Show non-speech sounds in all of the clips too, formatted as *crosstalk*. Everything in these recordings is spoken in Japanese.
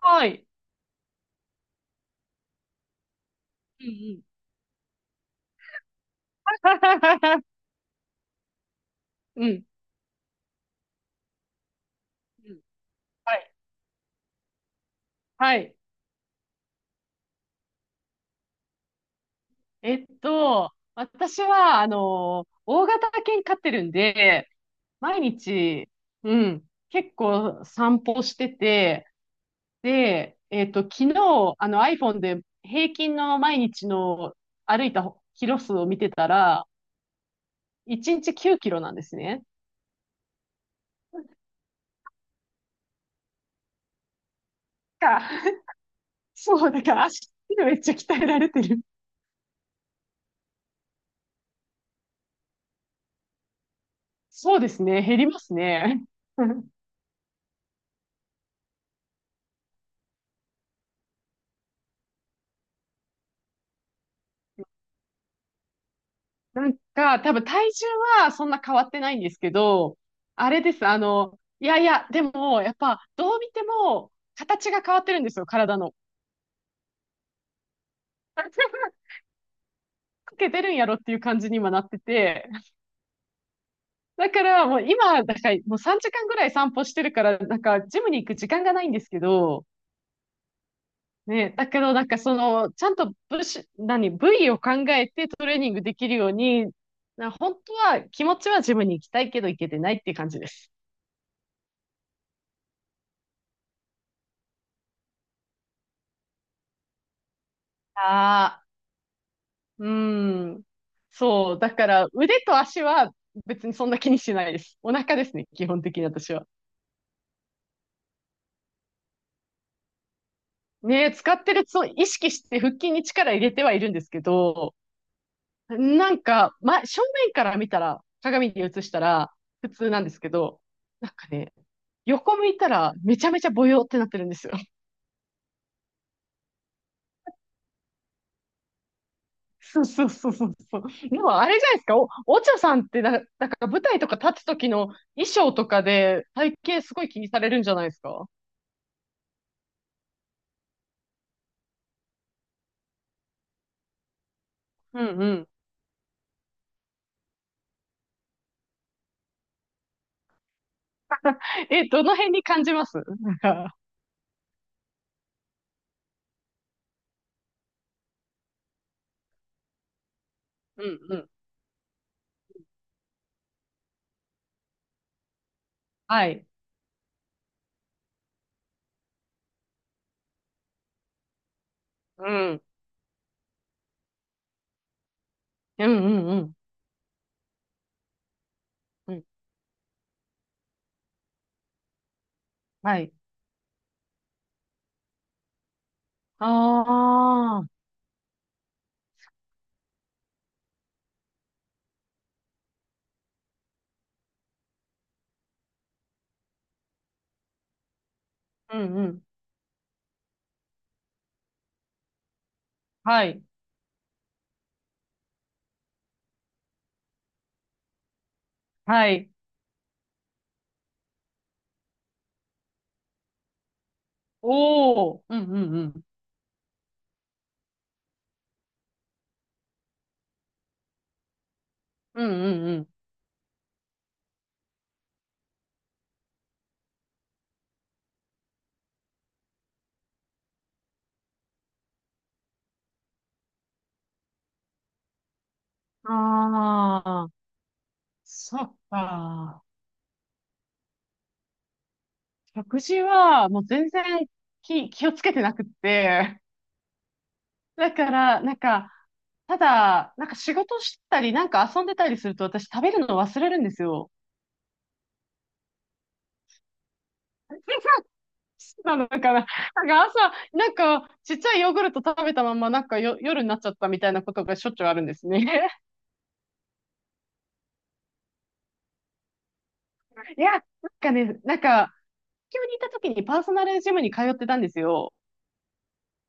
はい。うんうん。*laughs* うん。うんはい。はい。私は、大型犬飼ってるんで、毎日、うん、結構散歩してて、で、昨日、あの iPhone で平均の毎日の歩いたキロ数を見てたら、1日9キロなんですね。か、*laughs* そう、だから足めっちゃ鍛えられてる。そうですね、減りますね。*laughs* なんか、多分体重はそんな変わってないんですけど、あれです。あの、いやいや、でも、やっぱ、どう見ても、形が変わってるんですよ、体の。*laughs* かけてるんやろっていう感じに今なってて。だから、もう今、だからもう3時間ぐらい散歩してるから、なんか、ジムに行く時間がないんですけど、ね、だけど、なんかその、ちゃんと部首、何、部位を考えてトレーニングできるように、な本当は、気持ちはジムに行きたいけど行けてないっていう感じです。ああ。うん。そう。だから、腕と足は別にそんな気にしないです。お腹ですね、基本的に私は。ねえ、使ってるそう意識して腹筋に力入れてはいるんですけど、なんか、ま、正面から見たら、鏡に映したら普通なんですけど、なんかね、横向いたらめちゃめちゃボヨってなってるんですよ。そうそうそうそうそう。でもあれじゃないですか、お茶さんってな、なんか舞台とか立つ時の衣装とかで体型すごい気にされるんじゃないですか？うんうん。*laughs* え、どの辺に感じますなんか、*laughs* うんうん。はい。うん。うんうんうん。うん。はい。ああ。うんうん。はい。はい。おお。うんうんうん。うんうんうん。ああ。そっか。食事はもう全然気をつけてなくって。だから、なんか、ただ、なんか仕事したり、なんか遊んでたりすると私食べるの忘れるんですよ。なのかな。なんか朝、なんかちっちゃいヨーグルト食べたまま、なんかよ、夜になっちゃったみたいなことがしょっちゅうあるんですね。*laughs* いや、なんかね、なんか、東京にいた時にパーソナルジムに通ってたんですよ。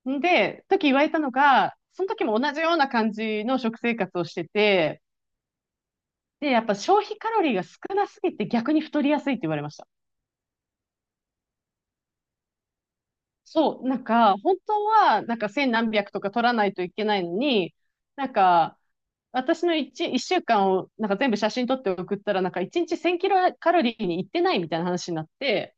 んで、時言われたのが、その時も同じような感じの食生活をしてて、で、やっぱ消費カロリーが少なすぎて逆に太りやすいって言われました。そう、なんか、本当は、なんか千何百とか取らないといけないのに、なんか、私の一週間をなんか全部写真撮って送ったら、なんか一日1000キロカロリーに行ってないみたいな話になって、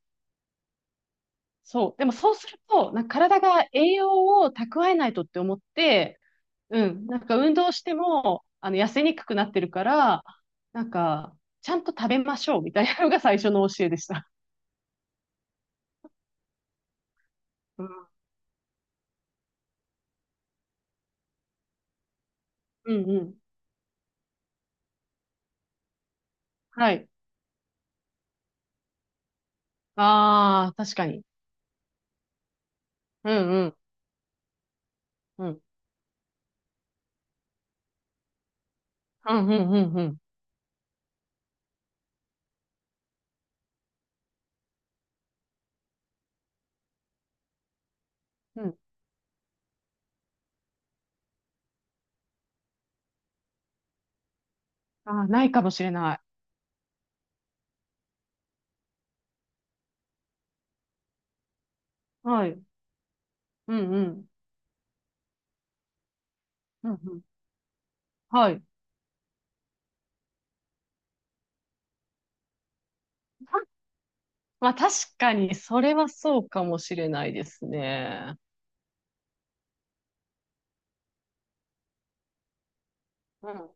そう。でもそうすると、なんか体が栄養を蓄えないとって思って、うん。なんか運動しても、あの、痩せにくくなってるから、なんか、ちゃんと食べましょうみたいなのが最初の教えでした。うんうんうん。はい。ああ、確かに。うんうん。うん。うんうんうんうん。うん。ああ、ないかもしれない。はい。うんうん。うんうん。はい。まあ確かに、それはそうかもしれないですね。うん。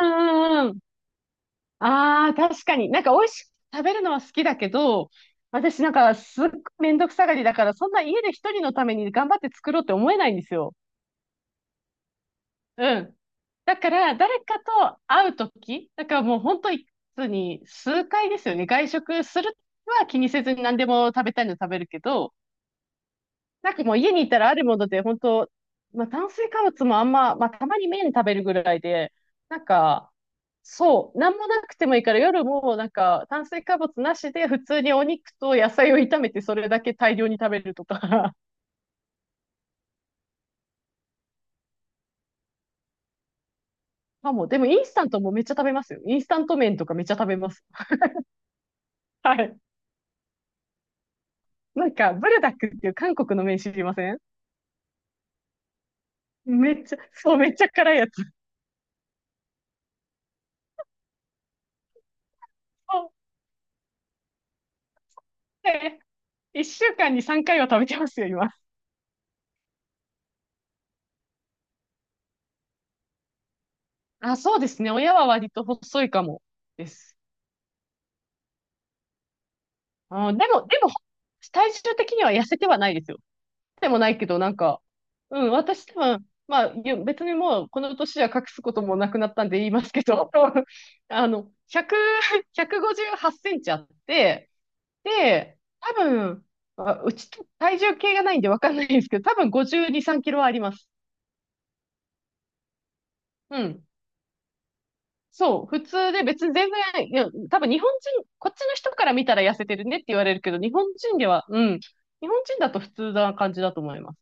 うんうんうん。ああ、確かに。なんか美味しく食べるのは好きだけど、私なんかすっごいめんどくさがりだから、そんな家で一人のために頑張って作ろうって思えないんですよ。うん。だから誰かと会うとき、だからもう本当に数回ですよね。外食するは気にせずに何でも食べたいの食べるけど、なんかもう家に行ったらあるもので、本当まあ炭水化物もあんま、まあたまに麺食べるぐらいで、なんか、そう、なんもなくてもいいから夜もなんか炭水化物なしで普通にお肉と野菜を炒めてそれだけ大量に食べるとか。*laughs* まあ、もう、でもインスタントもめっちゃ食べますよ。インスタント麺とかめっちゃ食べます。はい。なんか、ブルダックっていう韓国の麺知りません？めっちゃ、そう、めっちゃ辛いやつ。そうで一週間に3回は食べてますよ、今。あ、そうですね。親は割と細いかもです。あ、でも、体重的には痩せてはないですよ。でもないけど、なんか、うん、私多分、まあ、ゆ別にもうこの年は隠すこともなくなったんで言いますけど、*laughs* あの、100、158センチあって、で、多分、あうち体重計がないんでわかんないんですけど、多分52、3キロはあります。うん。そう、普通で別に全然、いや、多分日本人、こっちの人から見たら痩せてるねって言われるけど、日本人では、うん、日本人だと普通な感じだと思います。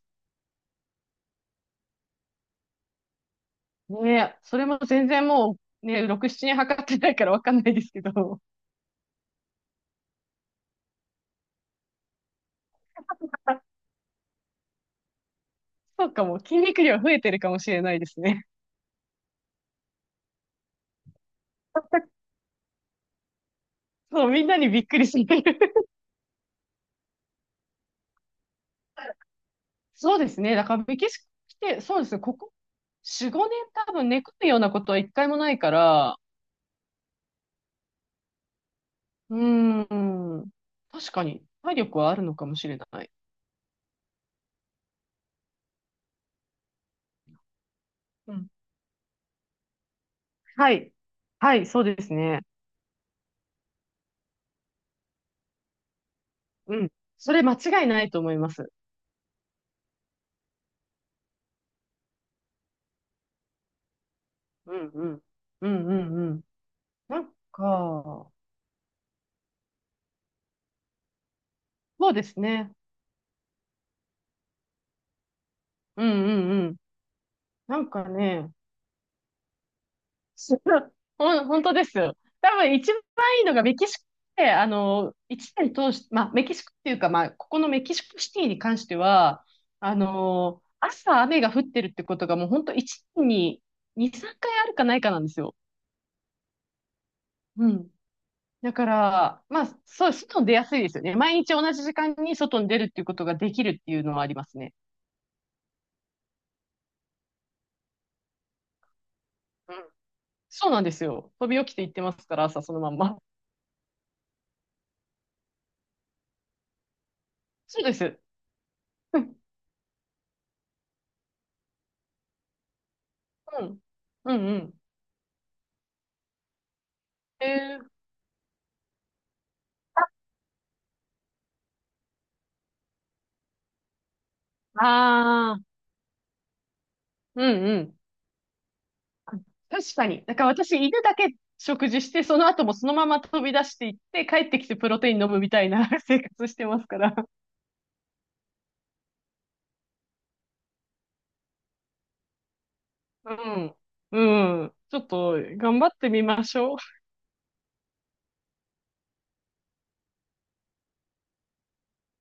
ねえ、それも全然もう、ね、6、7年測ってないからわかんないですけど、*laughs* そうかも、筋肉量増えてるかもしれないですね。*laughs* そう、みんなにびっくりする。*laughs* そうですね、だからメキシコ来て、そうですね、ここ4、5年多分寝込むようなことは一回もないから、うーん、確かに体力はあるのかもしれない。うん。はい。はい、そうですね。うん。それ間違いないと思います。うん、うん。うん、うん、うん。なんか、そうですね。うん、うん、うん。なんかね、す *laughs* 本当ですよ。多分一番いいのがメキシコで、あの、一年通して、まあ、メキシコっていうか、まあ、ここのメキシコシティに関しては、あの、朝雨が降ってるってことがもう本当一年に2、3回あるかないかなんですよ。うん。だから、まあ、そう、外に出やすいですよね。毎日同じ時間に外に出るっていうことができるっていうのはありますね。うん。そうなんですよ。飛び起きて行ってますから、朝そのまんま。そうです。うん。うんうんうん。えー、ああ、うんうん。確かに。だから私、犬だけ食事して、その後もそのまま飛び出していって、帰ってきてプロテイン飲むみたいな *laughs* 生活してますから。うん。うん。ちょっと、頑張ってみましょう。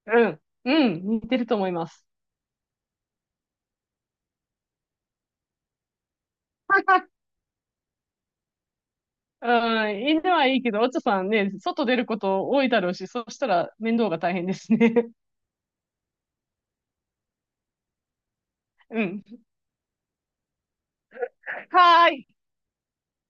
うん。うん。似てると思います。うん、犬はいいけど、お茶さんね、外出ること多いだろうし、そしたら面倒が大変ですね。*laughs* うん。はーい。